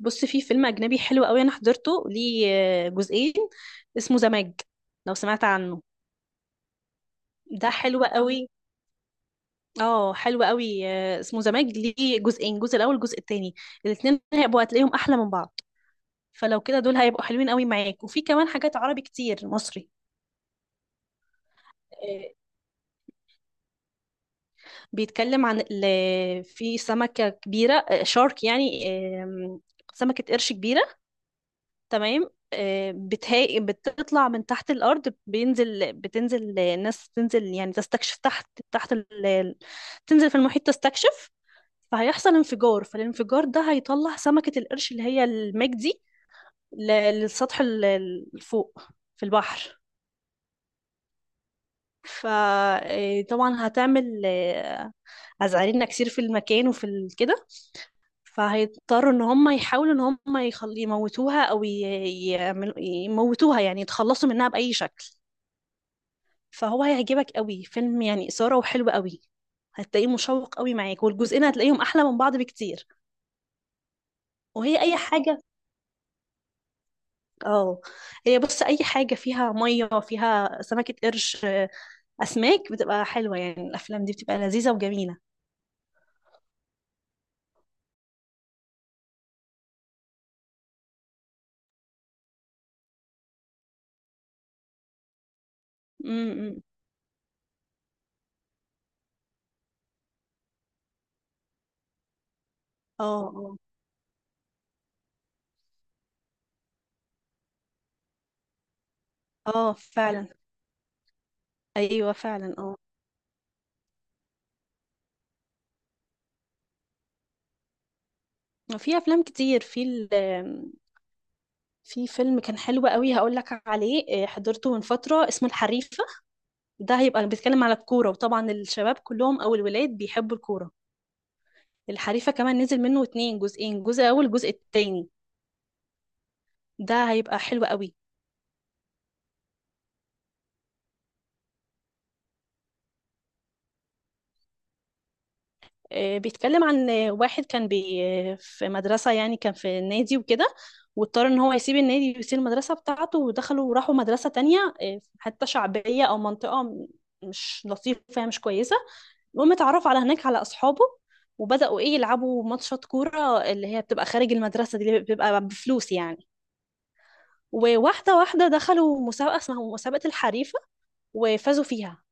بص، في فيلم أجنبي حلو قوي أنا حضرته. ليه؟ جزئين. اسمه زماج، لو سمعت عنه. ده حلو قوي. اه، حلو قوي. اسمه زماج. ليه جزئين؟ جزء الأول، الجزء التاني، الاتنين هيبقوا هتلاقيهم أحلى من بعض. فلو كده دول هيبقوا حلوين قوي معاك. وفي كمان حاجات عربي كتير، مصري. آه، بيتكلم عن في سمكة كبيرة، شارك يعني، آم، سمكة قرش كبيرة. تمام، بتطلع من تحت الأرض. بتنزل، ناس تنزل يعني تستكشف تحت، تحت تنزل في المحيط تستكشف. فهيحصل انفجار، فالانفجار ده هيطلع سمكة القرش اللي هي الميج دي للسطح، فوق في البحر. فطبعا هتعمل أزعرينا كتير في المكان وفي كده. فهيضطروا ان هم يحاولوا ان هم يموتوها، او يعملوا يموتوها، يعني يتخلصوا منها بأي شكل. فهو هيعجبك قوي، فيلم يعني إثارة وحلو قوي. هتلاقيه مشوق قوي معاك، والجزئين هتلاقيهم أحلى من بعض بكتير. وهي أي حاجة؟ اه، هي بص، أي حاجة فيها مية فيها سمكة قرش، أسماك، بتبقى حلوة. يعني الأفلام دي بتبقى لذيذة وجميلة. امم اه، اه. اه فعلا. ايوه فعلا، اه. في افلام كتير في في فيلم كان حلو قوي، هقول لك عليه. حضرته من فتره، اسمه الحريفه. ده هيبقى بيتكلم على الكورة، وطبعا الشباب كلهم أو الولاد بيحبوا الكورة. الحريفة كمان نزل منه اتنين جزئين، جزء أول جزء التاني. ده هيبقى حلو قوي. بيتكلم عن واحد كان في مدرسة، يعني كان في النادي وكده. واضطر ان هو يسيب النادي ويسيب المدرسة بتاعته، ودخلوا وراحوا مدرسة تانية، حتى شعبية أو منطقة مش لطيفة، مش كويسة. المهم اتعرف على هناك على أصحابه، وبدأوا ايه، يلعبوا ماتشات كورة اللي هي بتبقى خارج المدرسة دي، اللي بتبقى بفلوس يعني. وواحدة واحدة دخلوا مسابقة اسمها مسابقة الحريفة، وفازوا فيها.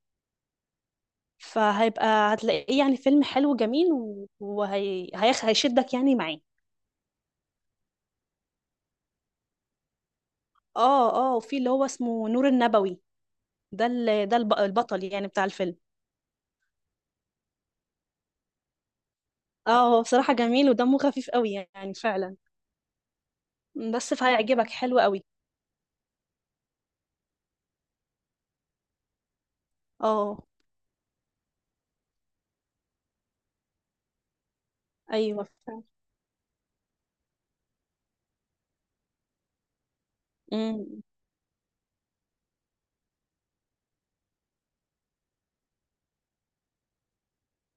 فهيبقى هتلاقيه يعني فيلم حلو جميل، وهي هيشدك يعني معاه. اه، اه. وفي اللي هو اسمه نور النبوي، ده ده البطل يعني بتاع الفيلم. اه، هو بصراحة جميل ودمه خفيف قوي، يعني فعلا. بس فهيعجبك، حلو قوي. اه. ايوه فعلا.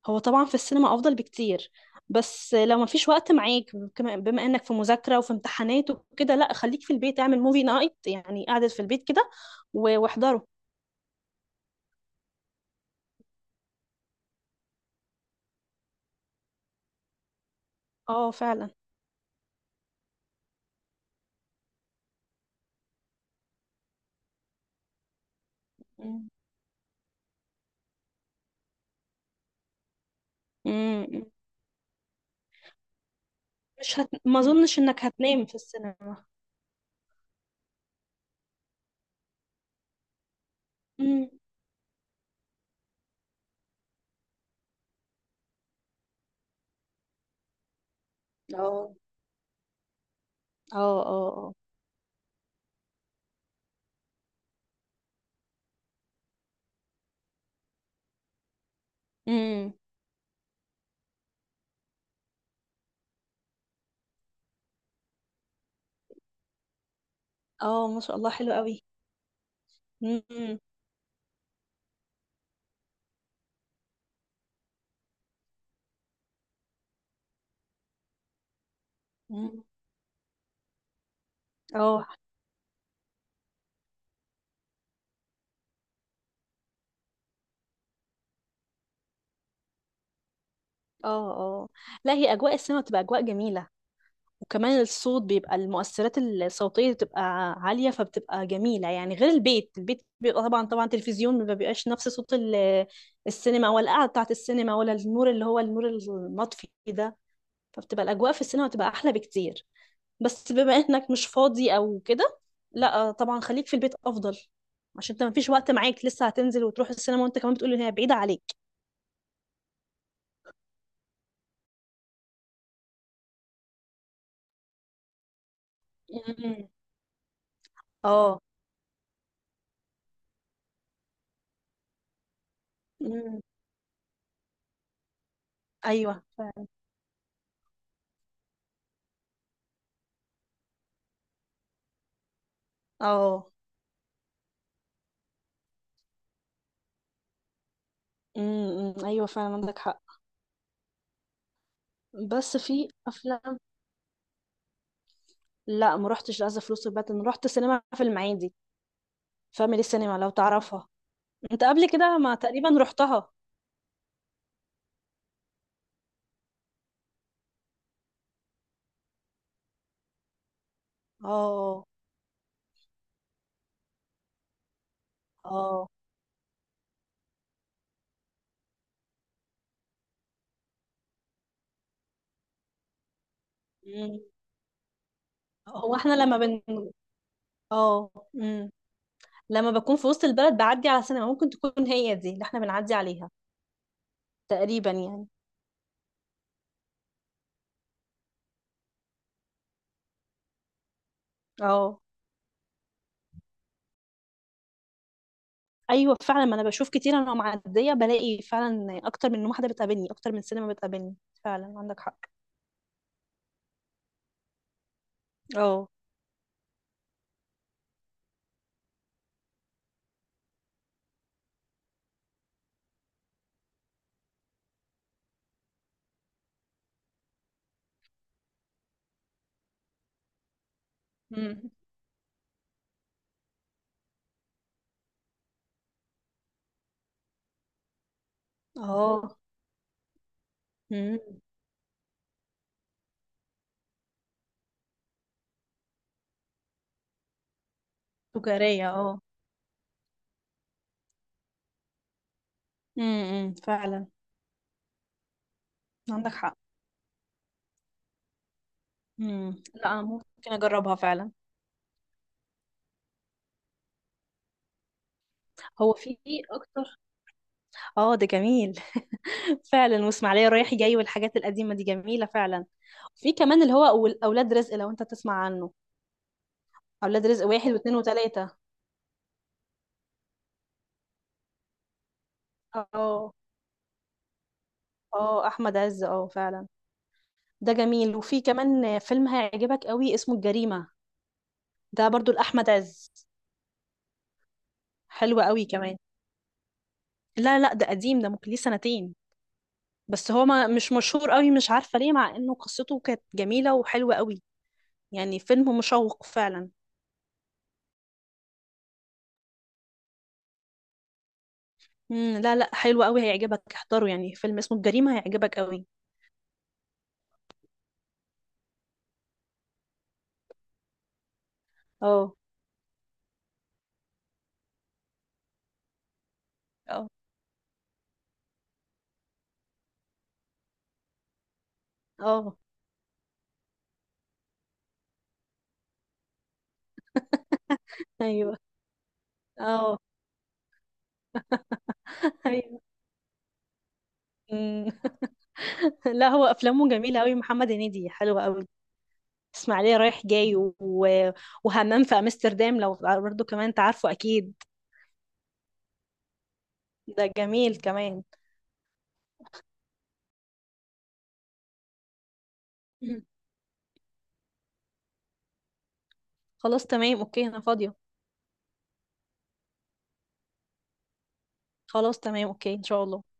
هو طبعا في السينما افضل بكتير. بس لو ما فيش وقت معاك، بما انك في مذاكره وفي امتحانات وكده، لا خليك في البيت، اعمل موفي نايت يعني، قاعده في البيت كده واحضره. اه فعلا. مم. مم. مش هت... ما اظنش انك هتنام في السينما. مم. اه، اه، اه، اه. امم اه، ما شاء الله، حلو قوي. امم مم. اه، اه، اه. لا، هي اجواء السينما بتبقى اجواء جميله. وكمان الصوت بيبقى، المؤثرات الصوتية بتبقى عالية، فبتبقى جميلة يعني. غير البيت، البيت بيبقى طبعا، طبعا تلفزيون ما بيبقاش نفس صوت السينما، ولا القعدة بتاعة السينما، ولا النور اللي هو النور المطفي ده. فبتبقى الأجواء في السينما بتبقى أحلى بكتير. بس بما إنك مش فاضي أو كده، لا طبعا خليك في البيت أفضل، عشان انت مفيش وقت معاك، لسه هتنزل وتروح السينما، وانت كمان بتقول ان هي بعيدة عليك. مم. اه. مم. ايوه. اه. مم. مم. ايوه فعلا، عندك حق. بس في افلام، لا ما روحتش لازا فلوس الباتن، رحت سينما في المعادي، فاميلي سينما لو تعرفها. انت قبل كده ما تقريبا رحتها. اه، اه. مم. هو احنا لما بن اه. مم. لما بكون في وسط البلد بعدي على سينما، ممكن تكون هي دي اللي احنا بنعدي عليها، تقريبا يعني. اه، ايوه فعلا. ما انا بشوف كتير، انا معديه بلاقي فعلا اكتر من واحده بتقابلني، اكتر من سينما بتقابلني. فعلا عندك حق. اه. مم. اه. مم. تجاريه، اه. امم، فعلا عندك حق. امم، لا ممكن اجربها فعلا. هو في اكتر. اه، ده جميل. فعلا، واسماعيليه رايح جاي والحاجات القديمه دي جميله فعلا. في كمان اللي هو اولاد رزق، لو انت تسمع عنه. اولاد رزق، واحد واثنين وثلاثه. اه، اه. احمد عز، اه فعلا. ده جميل. وفي كمان فيلم هيعجبك قوي، اسمه الجريمه. ده برضو لاحمد عز، حلو قوي كمان. لا، لا، ده قديم، ده ممكن ليه سنتين. بس هو ما مش مشهور قوي، مش عارفة ليه، مع انه قصته كانت جميلة وحلوة قوي. يعني فيلم مشوق فعلا. مم. لا، لا، حلو قوي، هيعجبك، احضره يعني. فيلم اسمه الجريمة هيعجبك قوي. اه، اه، اه. ايوه. اه. ايوه. مم. لا، هو افلامه جميلة قوي، محمد هنيدي، حلوة قوي. اسماعيلية رايح جاي، وهمام في امستردام، لو برضه كمان انت عارفه اكيد. ده جميل كمان. مم. خلاص تمام، اوكي، انا فاضية. خلاص تمام، اوكي ان شاء الله.